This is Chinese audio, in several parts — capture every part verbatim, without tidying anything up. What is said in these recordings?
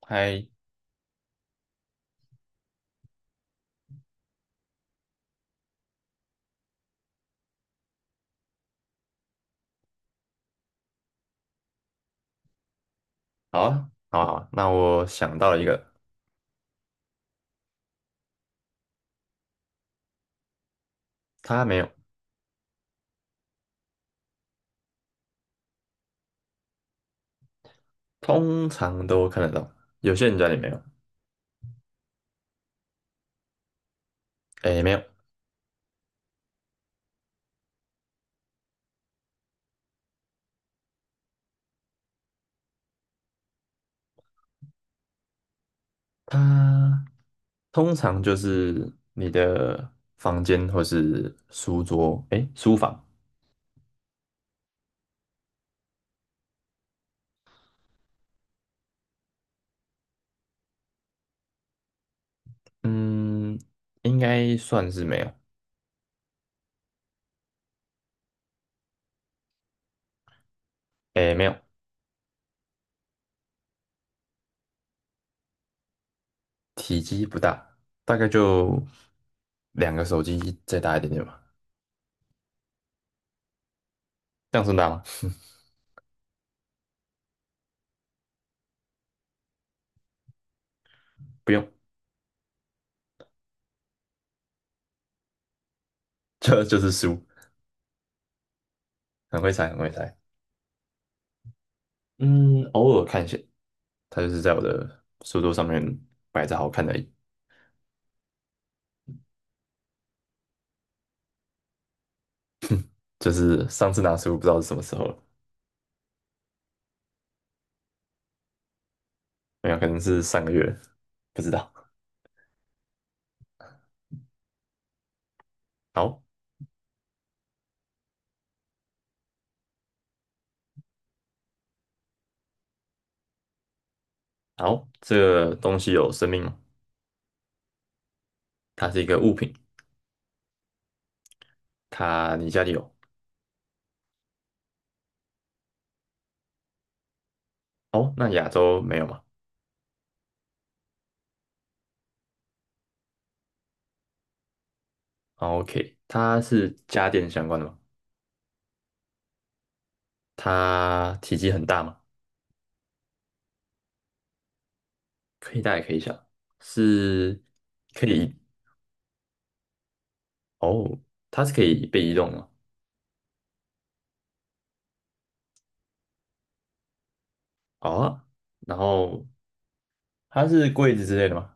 嗨。好啊，好啊，好啊，那我想到了一个。他没有。通常都看得到，有些人家里没有。诶，没有。他通常就是你的房间或是书桌，诶，书房。嗯，应该算是没有。诶，没有。体积不大，大概就两个手机再大一点点吧。这样算大吗？不用。就就是书。很会猜，很会猜。嗯，偶尔看一下。它就是在我的书桌上面摆着好看的而已。就是上次拿书不知道是什么时候了。没有，可能是上个月，不知道。好。好，这个东西有生命吗？它是一个物品。它你家里有？哦，那亚洲没有吗？哦？OK，它是家电相关的吗？它体积很大吗？可以大也可以小。是可以移哦，它是可以被移动的吗？哦，然后它是柜子之类的吗？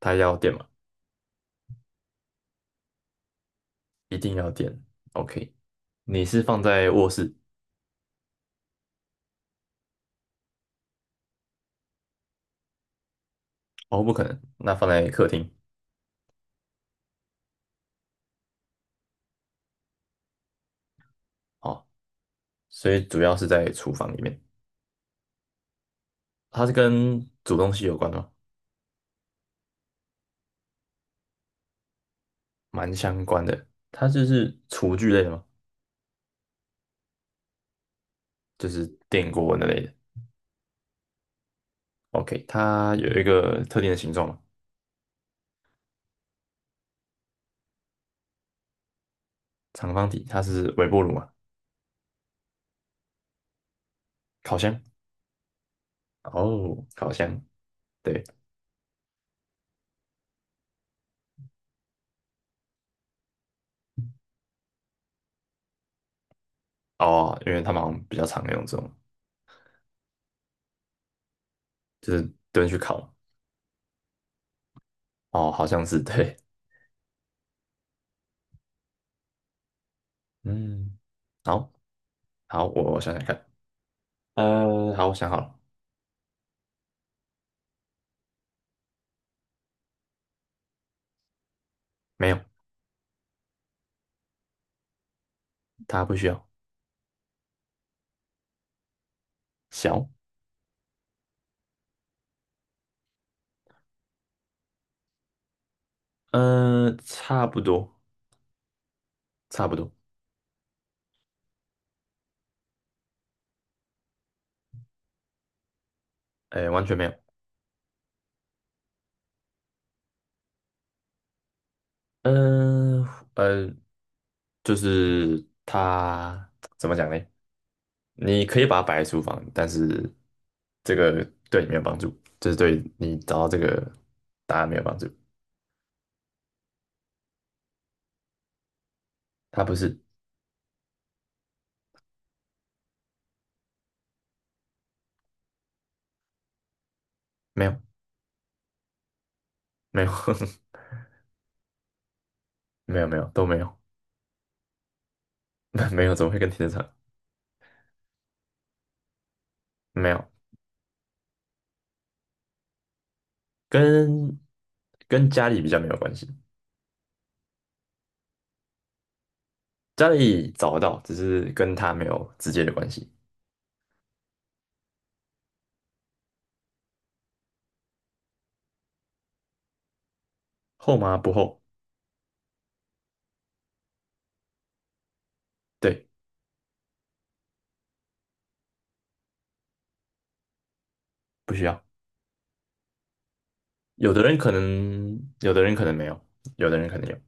它要电吗？一定要电。OK，你是放在卧室？哦，不可能，那放在客厅。哦，所以主要是在厨房里面。它是跟煮东西有关吗？蛮相关的。它就是厨具类的吗？就是电锅那类的。OK，它有一个特定的形状嘛？长方体，它是微波炉嘛？烤箱。哦，烤箱。对。哦，因为他们好像比较常用这种，就是蹲去烤。哦，好像是对。嗯，好。好，我想想看。呃，好，我想好了。没有，他不需要。小。呃，差不多。差不多。哎，完全没有。嗯、呃，就是他怎么讲呢？你可以把它摆在厨房，但是这个对你没有帮助，就是对你找到这个答案没有帮助。他不是。没有，没有。没有，没有，都没有。没有，怎么会跟停车场？没有。跟跟家里比较没有关系。家里找得到，只是跟他没有直接的关系。厚吗？不厚。对。不需要。有的人可能，有的人可能没有。有的人可能有。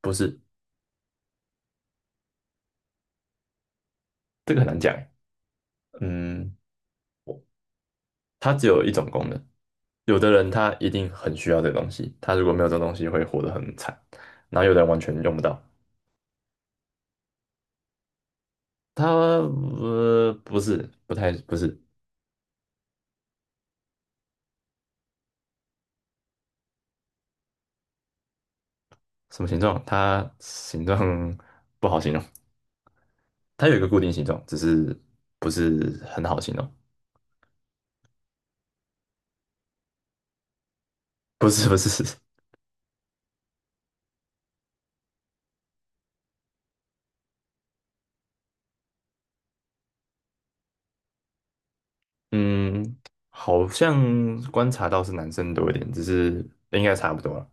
不是，这个很难讲欸。嗯，我它只有一种功能。有的人他一定很需要这个东西，他如果没有这个东西会活得很惨。然后有的人完全用不到。它呃不是，不太不是什么形状。它形状不好形容。它有一个固定形状，只是不是很好形容。不是不是。嗯，好像观察到是男生多一点，只是应该差不多了。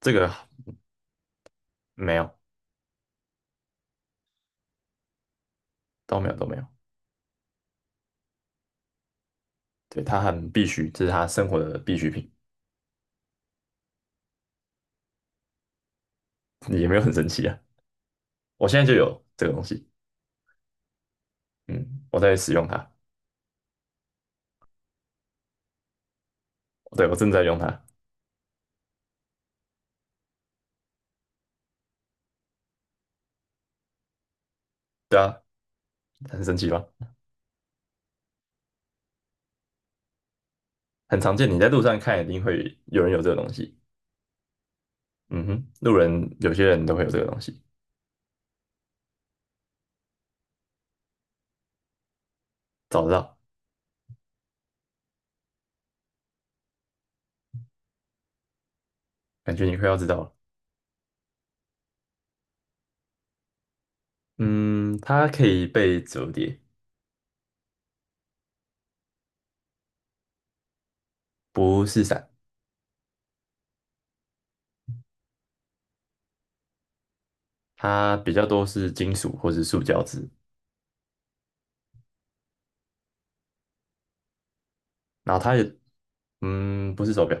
这个没有。都没有，都没有。对，它很必须，这是他生活的必需品。也没有很神奇啊。我现在就有这个东西。嗯，我在使用它。对，我正在用它。对啊，很神奇吧？很常见，你在路上看一定会有人有这个东西。嗯哼，路人有些人都会有这个东西。找得到。感觉你快要知道了。嗯，它可以被折叠。不是伞。它比较多是金属或是塑胶制。然后它也，嗯，不是手表。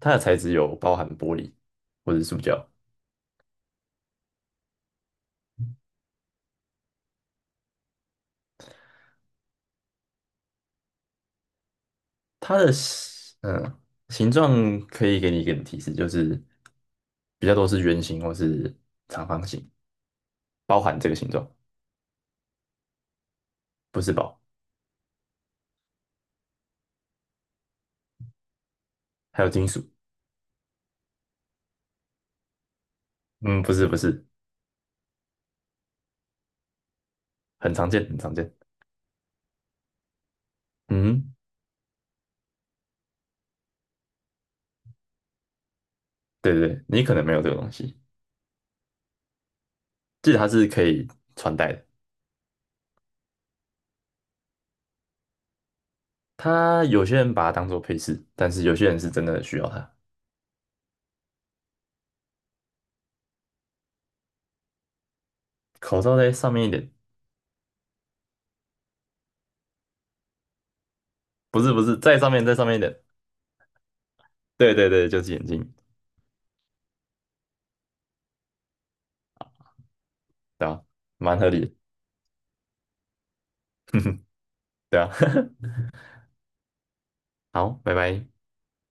它的材质有包含玻璃或是塑胶。它的形嗯形状可以给你一点提示，就是比较多是圆形或是长方形，包含这个形状。不是宝。还有金属。嗯，不是不是。很常见很常见。嗯。对对对，你可能没有这个东西。记得它是可以穿戴的。它有些人把它当做配饰，但是有些人是真的需要它。口罩在上面一点。不是不是，在上面在上面一点。对对对，就是眼镜。对吧？蛮合理的。对啊。好，拜拜。